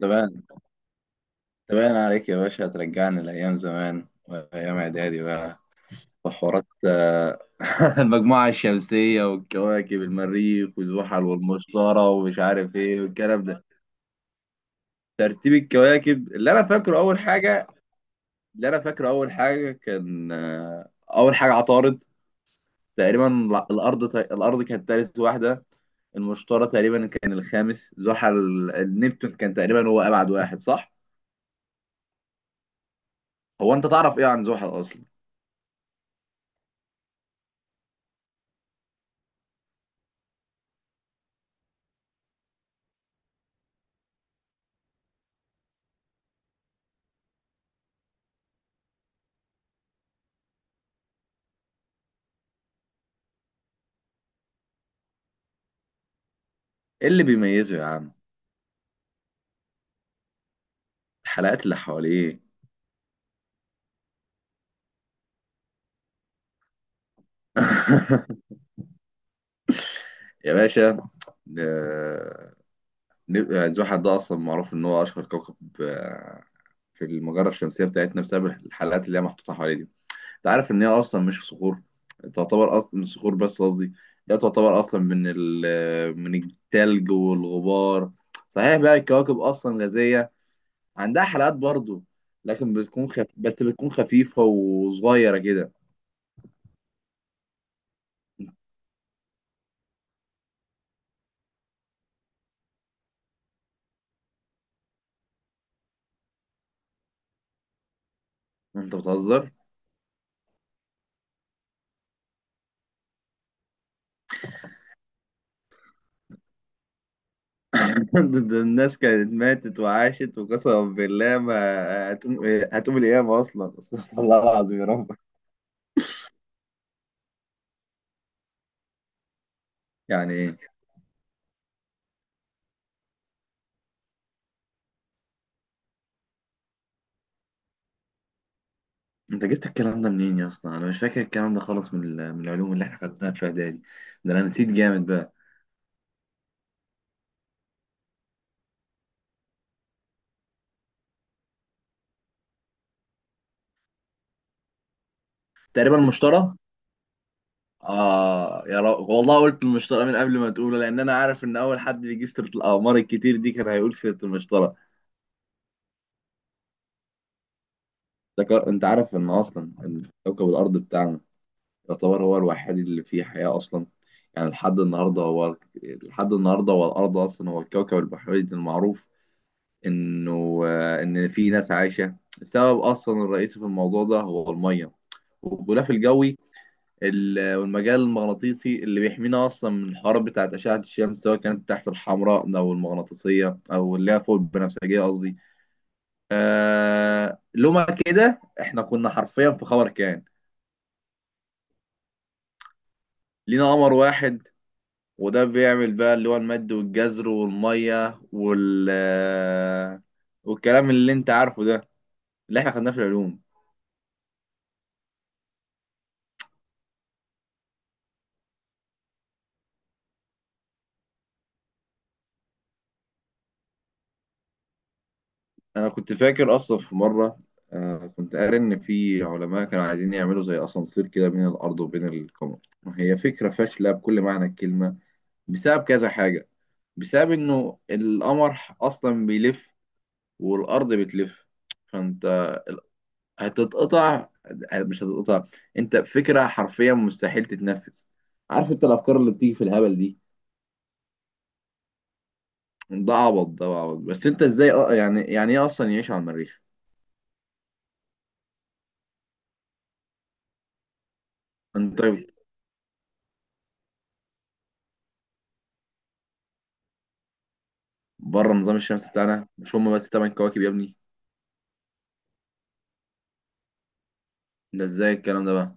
ده باين ده باين عليك يا باشا، هترجعني لأيام زمان وأيام إعدادي بقى وحوارات المجموعة الشمسية والكواكب: المريخ والزحل والمشتري ومش عارف إيه والكلام ده. ترتيب الكواكب اللي أنا فاكره أول حاجة، اللي أنا فاكره أول حاجة كان آه، أول حاجة عطارد. تقريبا لا، الأرض كانت تالت واحدة. المشتري تقريبا كان الخامس، زحل. النبتون كان تقريبا هو أبعد واحد، صح؟ هو أنت تعرف إيه عن زحل أصلا؟ إيه اللي بيميزه يا عم؟ الحلقات اللي حواليه. يا باشا، آه، نبقى زحل ده اصلا معروف ان هو اشهر كوكب آه، في المجره الشمسيه بتاعتنا بسبب الحلقات اللي هي محطوطه حواليه دي. انت عارف ان هي اصلا مش في صخور، تعتبر اصلا من صخور، بس قصدي لا، تعتبر اصلا من التلج والغبار. صحيح بقى الكواكب اصلا غازيه، عندها حلقات برضو، لكن بتكون بس بتكون خفيفه وصغيره كده. انت بتهزر؟ ده الناس كانت ماتت وعاشت وقسما بالله ما هتقوم، هتقوم القيامة أصلا. استغفر الله العظيم يا رب. يعني إيه؟ أنت جبت الكلام ده منين يا اسطى؟ أنا مش فاكر الكلام ده خالص من العلوم اللي إحنا خدناها في إعدادي. ده أنا نسيت جامد بقى. تقريبا المشترى. آه يا رب والله، قلت المشترى من قبل ما تقوله، لأن أنا عارف إن أول حد بيجيب سيرة الأقمار الكتير دي كان هيقول سيرة المشترى. أنت عارف إن أصلا إن كوكب الأرض بتاعنا يعتبر هو الوحيد اللي فيه حياة أصلا. يعني لحد النهاردة هو، لحد النهاردة هو، الأرض أصلا هو الكوكب البحري المعروف إنه، إن فيه ناس عايشة. السبب أصلا الرئيسي في الموضوع ده هو المية والغلاف الجوي والمجال المغناطيسي اللي بيحمينا أصلا من الحرارة بتاعت أشعة الشمس، سواء كانت تحت الحمراء أو المغناطيسية أو اللي هي فوق البنفسجية قصدي. آه، لما كده إحنا كنا حرفيا في خبر كان. لينا قمر واحد، وده بيعمل بقى اللي هو المد والجزر والمية وال، والكلام اللي انت عارفه ده، اللي احنا خدناه في العلوم. انا كنت فاكر اصلا في مرة، كنت قاري ان في علماء كانوا عايزين يعملوا زي اسانسير كده بين الارض وبين القمر. هي فكرة فاشلة بكل معنى الكلمة، بسبب كذا حاجة. بسبب انه القمر اصلا بيلف، والارض بتلف، فانت هتتقطع. مش هتتقطع، انت فكره حرفيا مستحيل تتنفذ. عارف انت الافكار اللي بتيجي في الهبل دي؟ ده عبط. بس انت ازاي، اه يعني، يعني ايه اصلا يعيش على المريخ؟ انت بره النظام الشمسي بتاعنا مش هم بس تمن كواكب يا ابني. ده ازاي الكلام ده بقى؟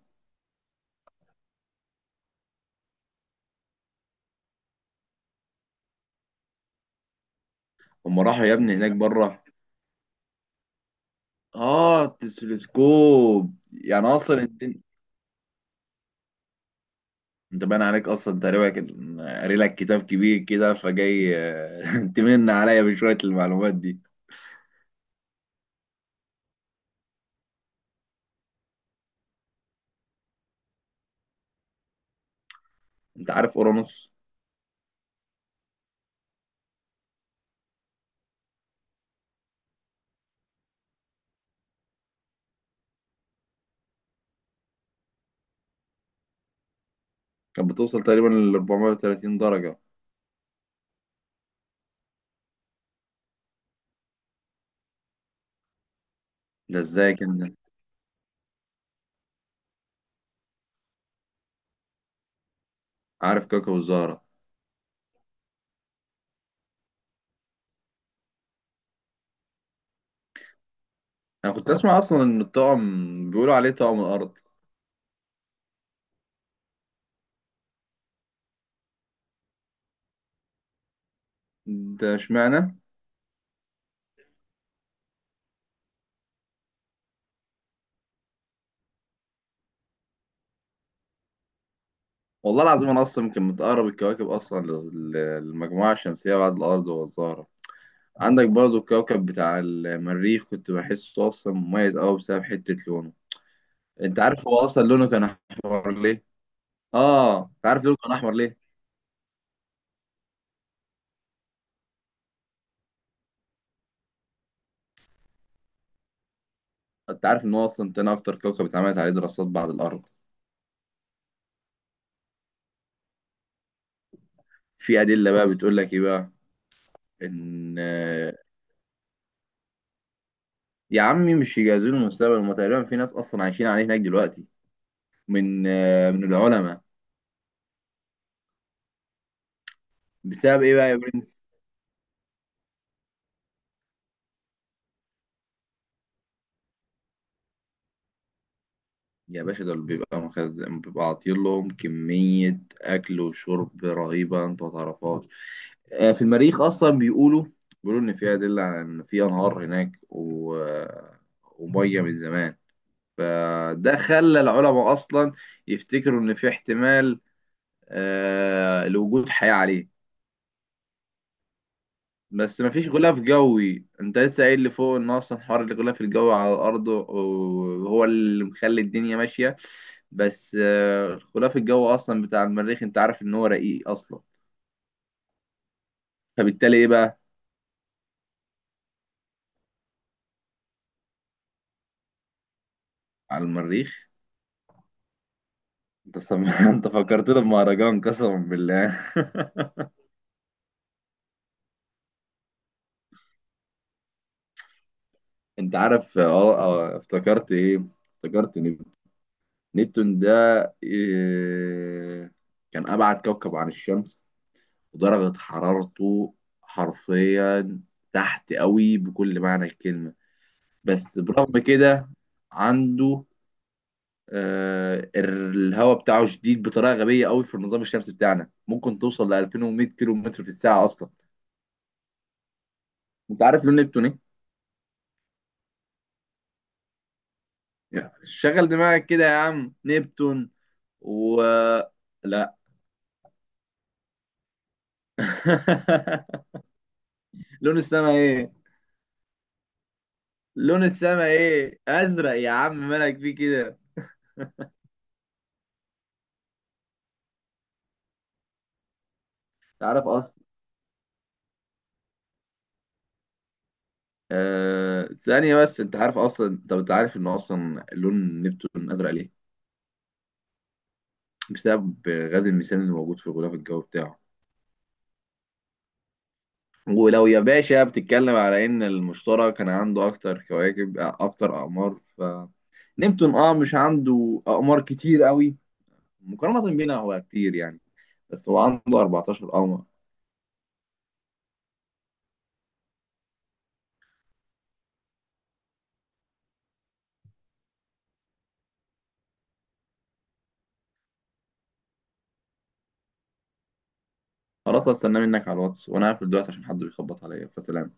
هم راحوا يا ابني هناك بره؟ اه التلسكوب، يعني اصلا الدنيا. انت باين عليك اصلا، تقريبا قاري لك كتاب كبير كده فجاي، تمن عليا بشويه المعلومات دي. انت عارف اورانوس؟ كانت بتوصل تقريبا ل 430 درجة. ده ازاي كان؟ عارف كاكا وزهرة. انا كنت اه اسمع اصلا ان الطقم بيقولوا عليه طقم الارض. ده اشمعنى؟ والله العظيم انا اصلا يمكن متقرب الكواكب اصلا للمجموعة الشمسية بعد الارض والزهرة. عندك برضو الكوكب بتاع المريخ، كنت بحسه اصلا مميز قوي بسبب حتة لونه. انت عارف هو اصلا لونه كان احمر ليه؟ اه انت عارف لونه كان احمر ليه؟ انت عارف ان هو اصلا تاني اكتر كوكب اتعملت عليه دراسات بعد الارض؟ في ادله بقى بتقول لك ايه بقى؟ ان يا عمي مش يجهزوا له المستقبل، هم تقريبا في ناس اصلا عايشين عليه هناك دلوقتي، من العلماء. بسبب ايه بقى يا برنس؟ يا باشا، دول بيبقى مخزن، بيبقى عاطين لهم كمية أكل وشرب رهيبة أنت ما تعرفهاش. في المريخ أصلا بيقولوا، بيقولوا إن في أدلة على إن في أنهار هناك و... ومية من زمان. فده خلى العلماء أصلا يفتكروا إن في احتمال لوجود حياة عليه. بس مفيش غلاف جوي، انت لسه قايل لي فوق ان اصلا حوار الغلاف الجوي على الارض وهو اللي مخلي الدنيا ماشيه. بس الغلاف الجوي اصلا بتاع المريخ انت عارف ان هو رقيق اصلا، فبالتالي ايه بقى؟ على المريخ. انت صم... انت فكرتنا بمهرجان قسما بالله. انت عارف اه، اه، افتكرت ايه؟ افتكرت نبتون. نبتون ده، إيه... كان ابعد كوكب عن الشمس، ودرجة حرارته حرفيا تحت قوي بكل معنى الكلمة. بس برغم كده، عنده آه الهواء بتاعه شديد بطريقة غبية قوي في النظام الشمسي بتاعنا، ممكن توصل ل 2100 كيلو متر في الساعة أصلا. أنت عارف لون نبتون إيه؟ يعني شغل دماغك كده يا عم، نبتون، و، لا. لون السما إيه؟ لون السما إيه؟ أزرق يا عم، مالك فيه كده؟ تعرف أصلا، آه ثانية بس، أنت عارف أصلا، طب أنت عارف إن أصلا لون نبتون أزرق ليه؟ بسبب غاز الميثان اللي موجود في الغلاف الجوي بتاعه. ولو يا باشا بتتكلم على إن المشتري كان عنده أكتر كواكب، أكتر أقمار، فنبتون أه مش عنده أقمار كتير قوي، مقارنة بينا هو كتير يعني، بس هو عنده 14 قمر. خلاص هستناه منك على الواتس وأنا هقفل دلوقتي عشان حد بيخبط عليا، فسلام.